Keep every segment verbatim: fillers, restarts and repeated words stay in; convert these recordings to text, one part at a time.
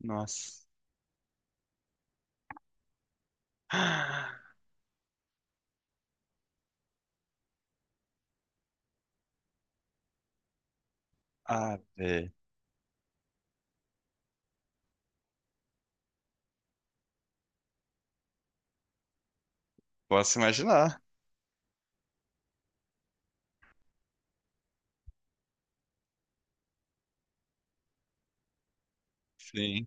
Nossa. Ah, velho. Posso imaginar. Sim.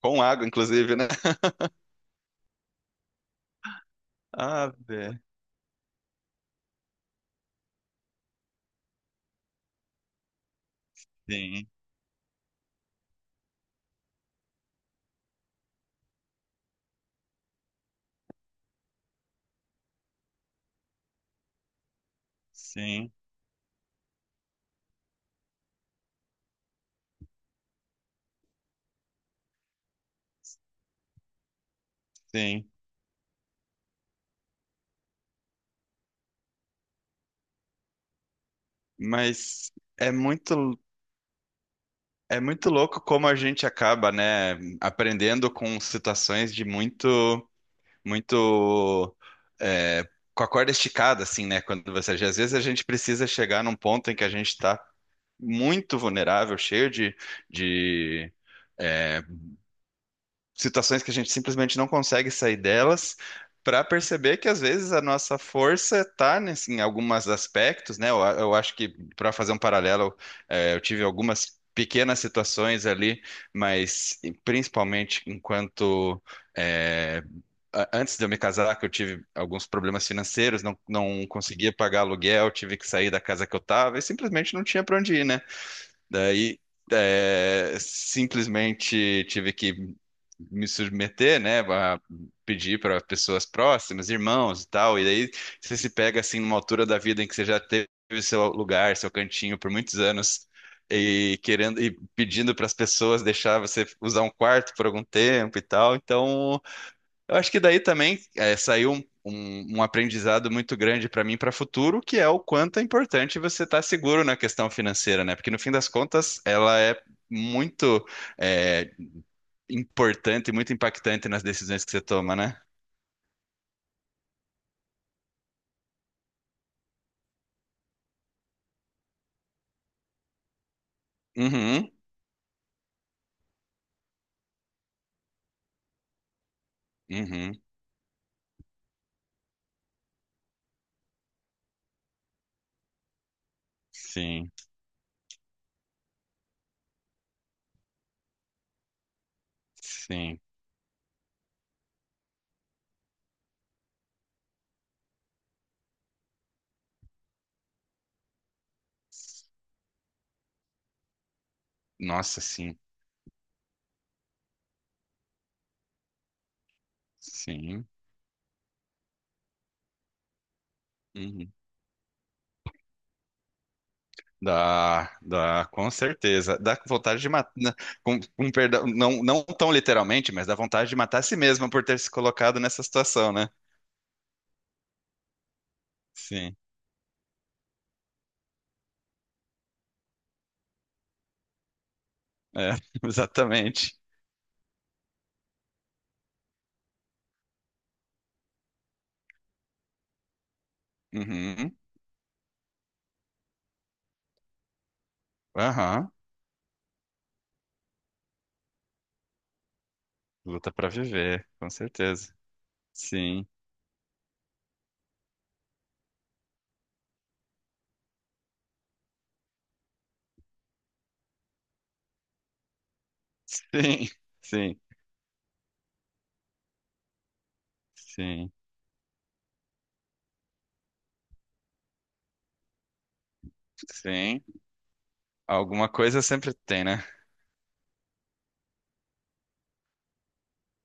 Com água, inclusive, né? Ah, velho. Sim, sim, sim. Mas é muito, é muito louco como a gente acaba, né, aprendendo com situações de muito, muito, é, com a corda esticada, assim, né? Quando você, às vezes a gente precisa chegar num ponto em que a gente está muito vulnerável, cheio de, de eh, situações que a gente simplesmente não consegue sair delas, para perceber que às vezes a nossa força está em alguns aspectos, né? Eu, eu acho que, para fazer um paralelo, eh, eu tive algumas pequenas situações ali, mas e principalmente enquanto. eh, a- Antes de eu me casar, que eu tive alguns problemas financeiros, não, não conseguia pagar aluguel, tive que sair da casa que eu estava e simplesmente não tinha para onde ir, né? Daí é, simplesmente tive que me submeter, né, a pedir para pessoas próximas, irmãos e tal, e daí você se pega assim numa altura da vida em que você já teve seu lugar, seu cantinho por muitos anos e querendo e pedindo para as pessoas deixar você usar um quarto por algum tempo e tal, então eu acho que daí também eh, saiu um, um- um aprendizado muito grande para mim para o futuro, que é o quanto é importante você estar seguro na questão financeira, né? Porque no fim das contas, ela é muito eh, importante, e muito impactante nas decisões que você toma, né? Uhum, uhum, sim, sim. Nossa, sim, sim. Uhum. Dá, dá, com certeza. Dá vontade de matar, com, com perdão, não, não tão literalmente, mas dá vontade de matar a si mesma por ter se colocado nessa situação, né? Sim, é, exatamente. Uhum. Aham. Luta pra viver, com certeza. Sim, sim, sim, sim, sim. Alguma coisa sempre tem, né?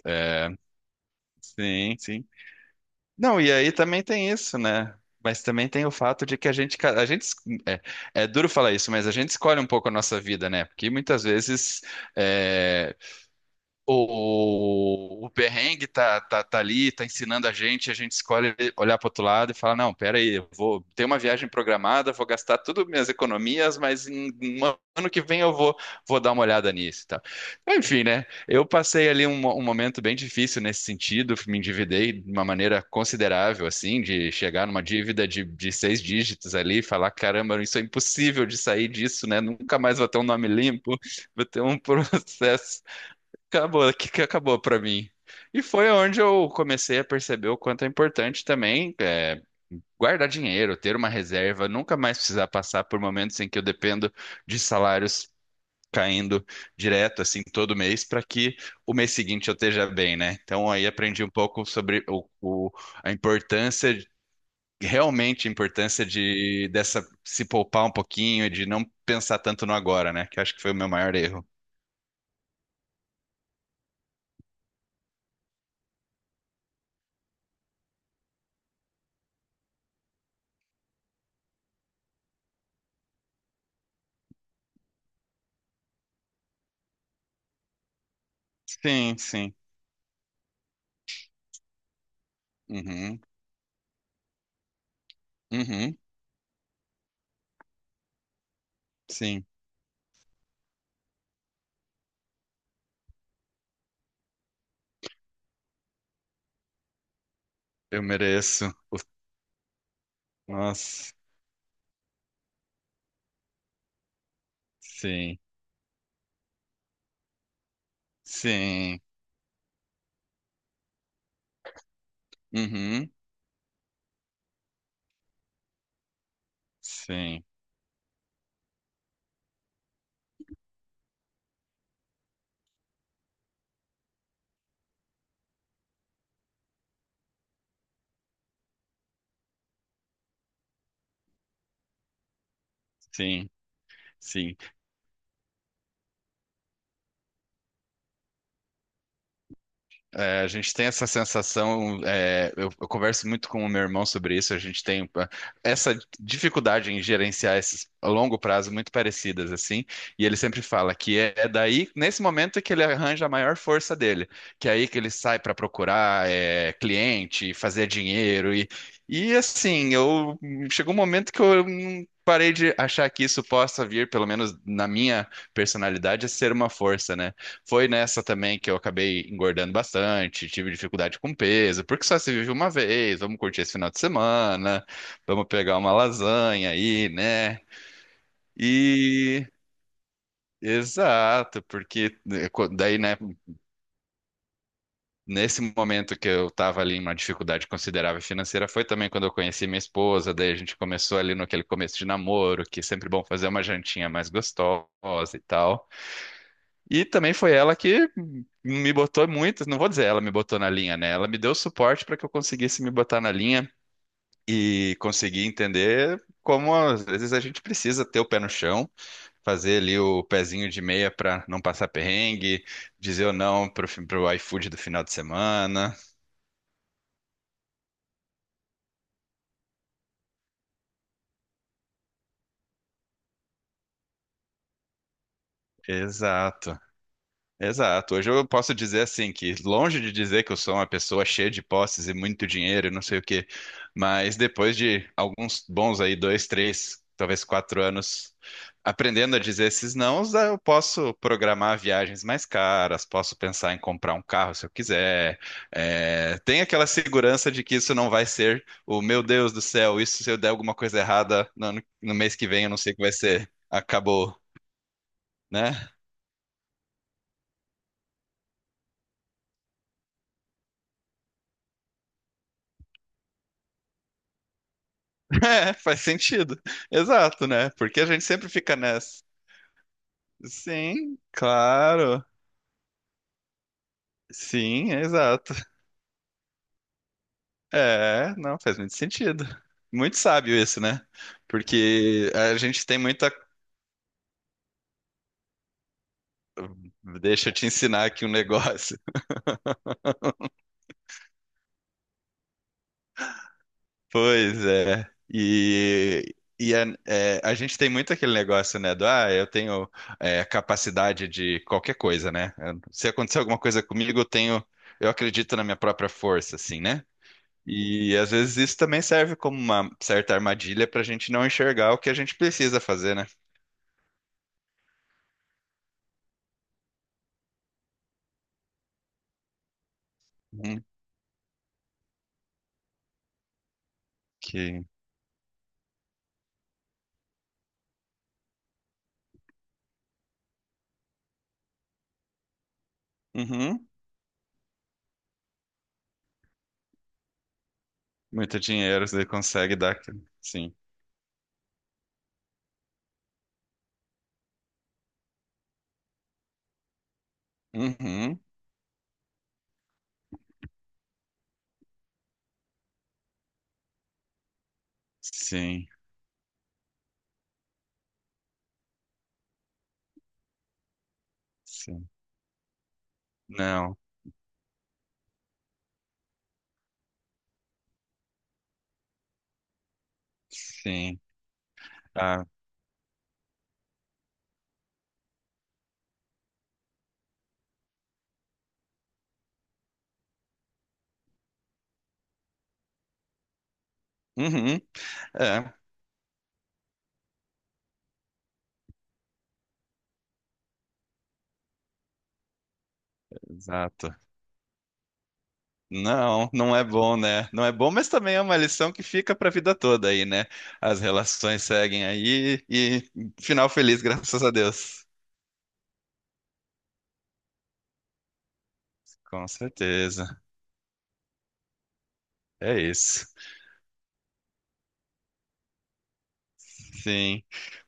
É, sim, sim. Não, e aí também tem isso, né? Mas também tem o fato de que a gente, ca- a gente, es- é, é duro falar isso, mas a gente escolhe um pouco a nossa vida, né? Porque muitas vezes é, o, o perrengue tá, tá, tá ali, tá ensinando a gente, a gente escolhe olhar para outro lado e fala, não, pera aí, eu vou ter uma viagem programada, vou gastar tudo minhas economias, mas em um ano que vem eu vou, vou dar uma olhada nisso e tal. Enfim, né? Eu passei ali um, mo- um momento bem difícil nesse sentido, me endividei de uma maneira considerável, assim, de chegar numa dívida de, de seis dígitos ali e falar, caramba, isso é impossível de sair disso, né? Nunca mais vou ter um nome limpo, vou ter um processo. Acabou, que que acabou pra mim. E foi onde eu comecei a perceber o quanto é importante também é, guardar dinheiro, ter uma reserva, nunca mais precisar passar por momentos em que eu dependo de salários caindo direto, assim, todo mês, para que o mês seguinte eu esteja bem, né? Então aí aprendi um pouco sobre o, o- a importância, realmente a importância de dessa se poupar um pouquinho e de não pensar tanto no agora, né? Que eu acho que foi o meu maior erro. Sim, sim. Uhum, uhum, sim. Eu mereço. o- Nossa, sim, sim. Uhum, sim, sim, sim. É, a gente tem essa sensação, é, eu, eu converso muito com o meu irmão sobre isso, a gente tem ah, essa dificuldade em gerenciar esses a longo prazo muito parecidas, assim, e ele sempre fala que é, é daí, nesse momento, que ele arranja a maior força dele, que é aí que ele sai para procurar é, cliente, fazer dinheiro, e, e, assim, eu chegou um momento que eu hum, parei de achar que isso possa vir, pelo menos na minha personalidade, a ser uma força, né? Foi nessa também que eu acabei engordando bastante, tive dificuldade com peso, porque só se vive uma vez, vamos curtir esse final de semana, vamos pegar uma lasanha aí, né? E exato, porque eh, co- daí, né, nesse momento que eu tava ali em uma dificuldade considerável financeira, foi também quando eu conheci minha esposa, daí a gente começou ali no aquele começo de namoro, que é sempre bom fazer uma jantinha mais gostosa e tal. E também foi ela que me botou muito, não vou dizer ela me botou na linha, né? Ela me deu suporte para que eu conseguisse me botar na linha e conseguir entender como às vezes a gente precisa ter o pé no chão, fazer ali o pezinho de meia para não passar perrengue, dizer ou não pro, fi- pro iFood do final de semana. Exato. Exato. Hoje eu posso dizer assim que longe de dizer que eu sou uma pessoa cheia de posses e muito dinheiro e não sei o quê, mas depois de alguns bons aí dois, três, talvez quatro anos aprendendo a dizer esses nãos, ah, eu posso programar viagens mais caras, posso pensar em comprar um carro se eu quiser. É, tem aquela segurança de que isso não vai ser o meu Deus do céu, isso se eu der alguma coisa errada no, ano- no mês que vem, eu não sei o que vai ser. Acabou, né? É, faz sentido. Exato, né? Porque a gente sempre fica nessa. Sim, claro. Sim, exato. É, não, faz muito sentido. Muito sábio isso, né? Porque a gente tem muita. Deixa eu te ensinar aqui um negócio. Pois é. E, e a, é, a gente tem muito aquele negócio, né? Do, ah, eu tenho é, capacidade de qualquer coisa, né? Se acontecer alguma coisa comigo, eu tenho. Eu acredito na minha própria força, assim, né? E às vezes isso também serve como uma certa armadilha para a gente não enxergar o que a gente precisa fazer, né? Uhum. Que Uhum. Muito dinheiro você consegue dar, aqui. Sim. Uhum. Sim, sim. Não, sim. Ah, uhum. É, exato. Não, não é bom, né? Não é bom, mas também é uma lição que fica para a vida toda aí, né? As relações seguem aí e final feliz, graças a Deus. Com certeza. É isso. Sim.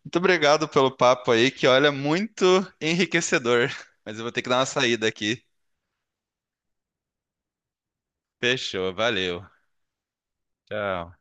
Muito obrigado pelo papo aí, que olha, muito enriquecedor. Mas eu vou ter que dar uma saída aqui. Fechou, valeu. Tchau.